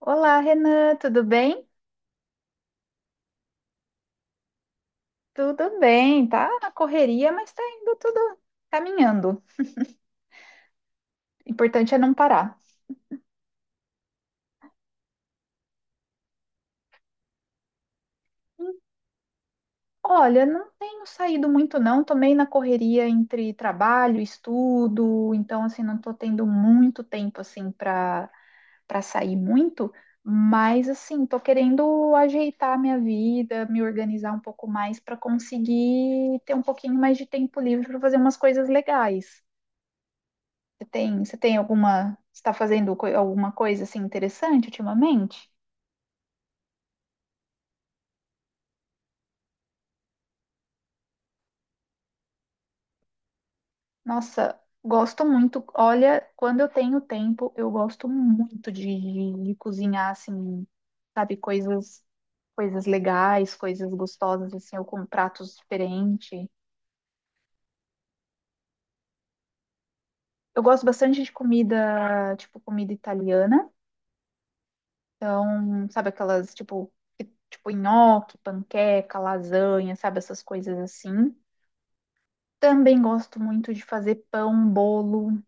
Olá, Renan, tudo bem? Tudo bem, tá na correria, mas tá indo tudo caminhando. O importante é não parar. Olha, não tenho saído muito não, tô meio na correria entre trabalho, estudo, então assim, não tô tendo muito tempo assim para sair muito, mas assim, tô querendo ajeitar minha vida, me organizar um pouco mais para conseguir ter um pouquinho mais de tempo livre para fazer umas coisas legais. Você tem alguma, está fazendo alguma coisa assim interessante ultimamente? Nossa, gosto muito. Olha, quando eu tenho tempo, eu gosto muito de cozinhar assim, sabe, coisas legais, coisas gostosas assim, ou com pratos diferentes. Eu gosto bastante de comida, tipo comida italiana. Então, sabe aquelas tipo nhoque, panqueca, lasanha, sabe essas coisas assim. Também gosto muito de fazer pão, bolo.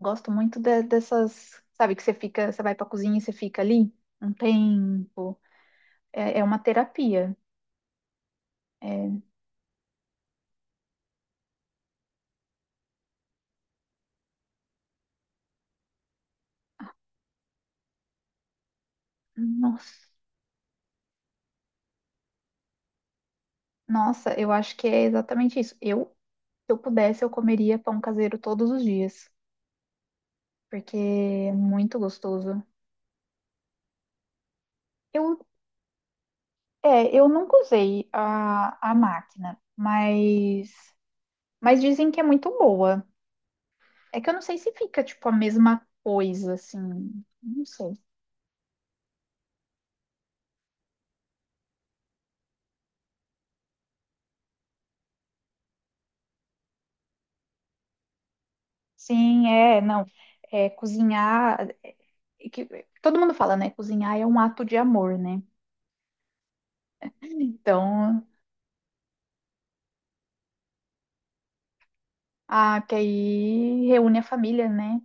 Gosto muito dessas, sabe, que você fica, você vai pra cozinha e você fica ali um tempo. É uma terapia. É, nossa, nossa, eu acho que é exatamente isso. Eu, se eu pudesse, eu comeria pão caseiro todos os dias, porque é muito gostoso. Eu, é, eu nunca usei a máquina, mas dizem que é muito boa. É que eu não sei se fica, tipo, a mesma coisa, assim. Não sei. Sim, é, não. É, cozinhar. É que todo mundo fala, né? Cozinhar é um ato de amor, né? Então, ah, que aí reúne a família, né?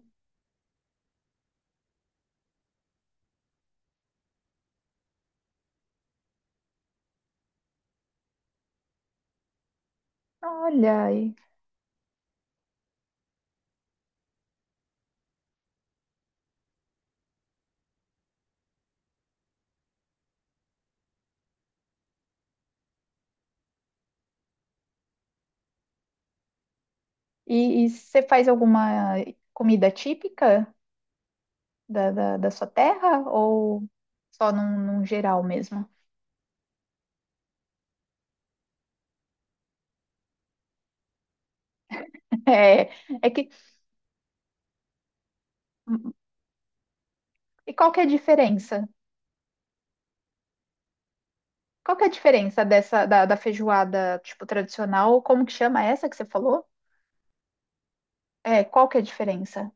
Olha, e você faz alguma comida típica da sua terra ou só num geral mesmo? É, é que. E qual que é a diferença? Qual que é a diferença dessa da feijoada, tipo, tradicional? Como que chama essa que você falou? É, qual que é a diferença?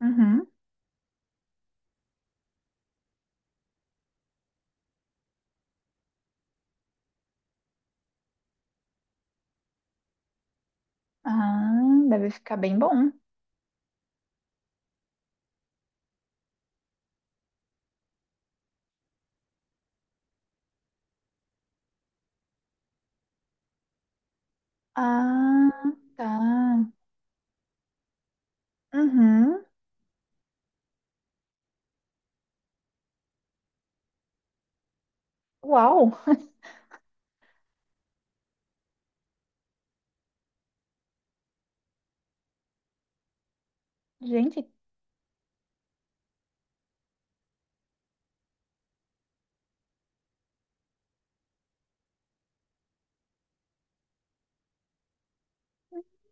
Uhum. Ah, deve ficar bem bom. Ah, tá. Uhum. Uau! Gente,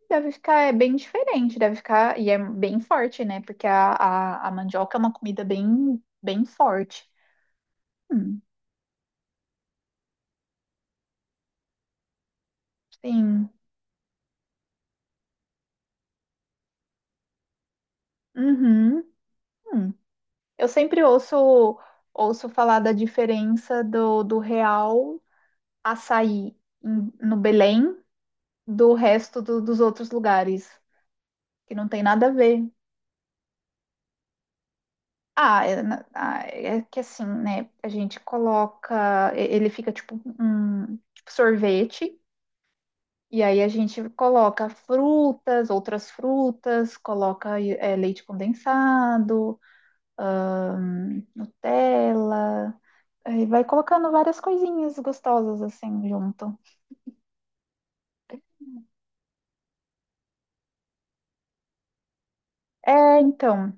deve ficar é, bem diferente, deve ficar, e é bem forte, né? Porque a mandioca é uma comida bem, bem forte. Hum, sim. Uhum. Hum. Eu sempre ouço falar da diferença do real açaí no Belém do resto dos outros lugares, que não tem nada a ver. Ah, é, é que assim, né? A gente coloca, ele fica tipo um tipo sorvete, e aí a gente coloca frutas, outras frutas, coloca é, leite condensado, Nutella, aí vai colocando várias coisinhas gostosas assim junto. É, então.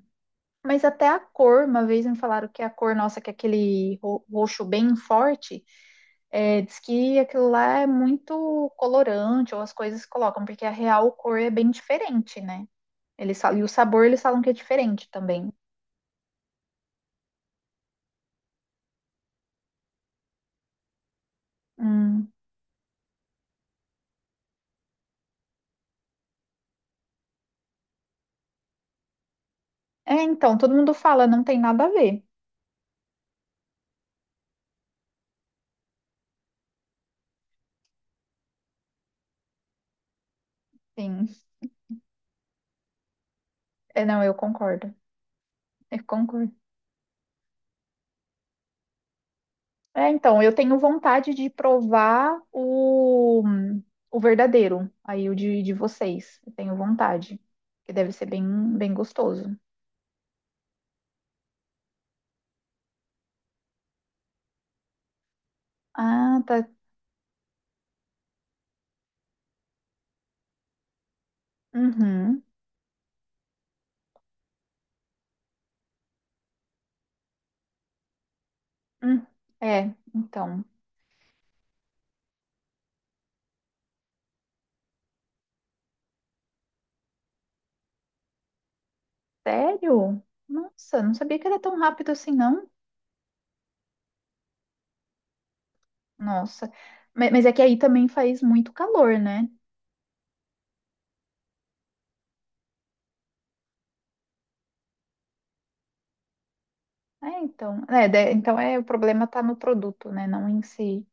Mas até a cor, uma vez me falaram que a cor nossa, que é aquele roxo bem forte, é, diz que aquilo lá é muito colorante, ou as coisas colocam, porque a real cor é bem diferente, né? Eles falam, e o sabor eles falam que é diferente também. Hum. É, então, todo mundo fala, não tem nada a ver. Sim. É, não, eu concordo. Eu concordo. É, então, eu tenho vontade de provar o verdadeiro, aí de vocês. Eu tenho vontade, que deve ser bem, bem gostoso. Ah, tá. Uhum. Hum. É, então. Sério? Nossa, não sabia que era tão rápido assim, não. Nossa. Mas é que aí também faz muito calor, né? É, então. É, então é, o problema tá no produto, né? Não em si.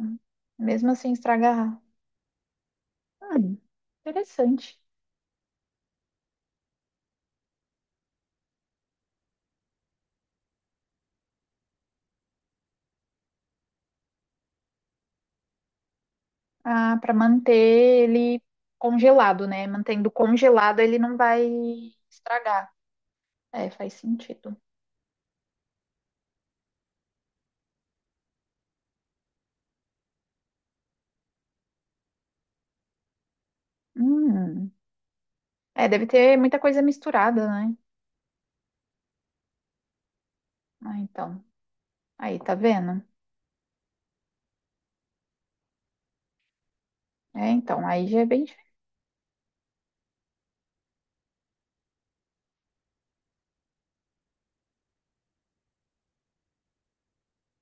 Hum. Mesmo assim, estragar. Hum, interessante. Ah, para manter ele congelado, né? Mantendo congelado, ele não vai estragar. É, faz sentido. Hum. É, deve ter muita coisa misturada, né? Ah, então. Aí, tá vendo? É, então, aí já é bem. Diferente.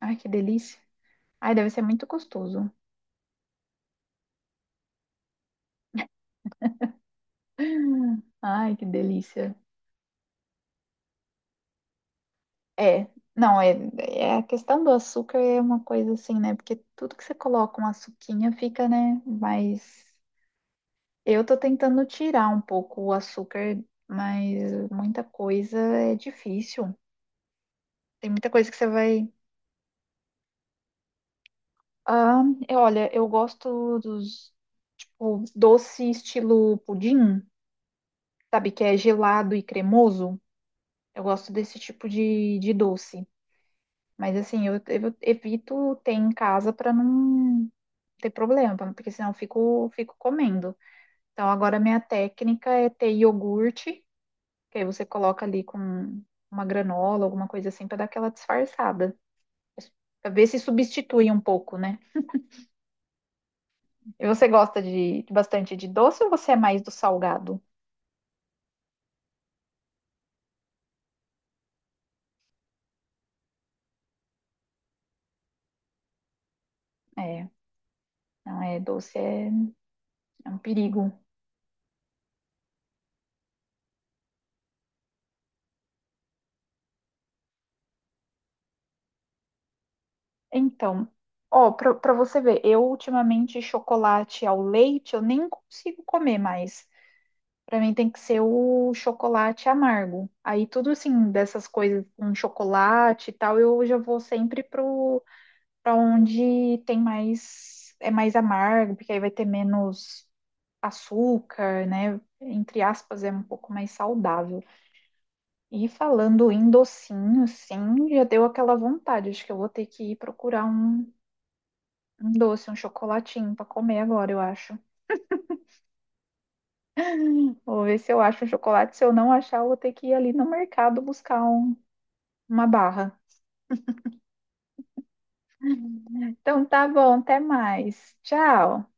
Ai, que delícia. Ai, deve ser muito gostoso. Ai, que delícia. É, não, é, é a questão do açúcar é uma coisa assim, né? Porque tudo que você coloca um açuquinha fica, né, mais eu tô tentando tirar um pouco o açúcar, mas muita coisa é difícil. Tem muita coisa que você vai. Ah, olha, eu gosto dos o doce estilo pudim, sabe? Que é gelado e cremoso. Eu gosto desse tipo de doce. Mas assim, eu evito ter em casa para não ter problema, porque senão eu fico comendo. Então agora minha técnica é ter iogurte. Que aí você coloca ali com uma granola, alguma coisa assim, para dar aquela disfarçada. Pra ver se substitui um pouco, né? E você gosta de bastante de doce ou você é mais do salgado? É, não é doce, é, é um perigo. Então, ó, pra você ver, eu ultimamente chocolate ao leite eu nem consigo comer mais. Pra mim tem que ser o chocolate amargo. Aí tudo assim, dessas coisas com chocolate e tal, eu já vou sempre pro para onde tem mais, é mais amargo, porque aí vai ter menos açúcar, né? Entre aspas, é um pouco mais saudável. E falando em docinho, sim, já deu aquela vontade. Acho que eu vou ter que ir procurar um doce, um chocolatinho para comer agora, eu acho. Vou ver se eu acho um chocolate. Se eu não achar, eu vou ter que ir ali no mercado buscar uma barra. Então tá bom, até mais. Tchau.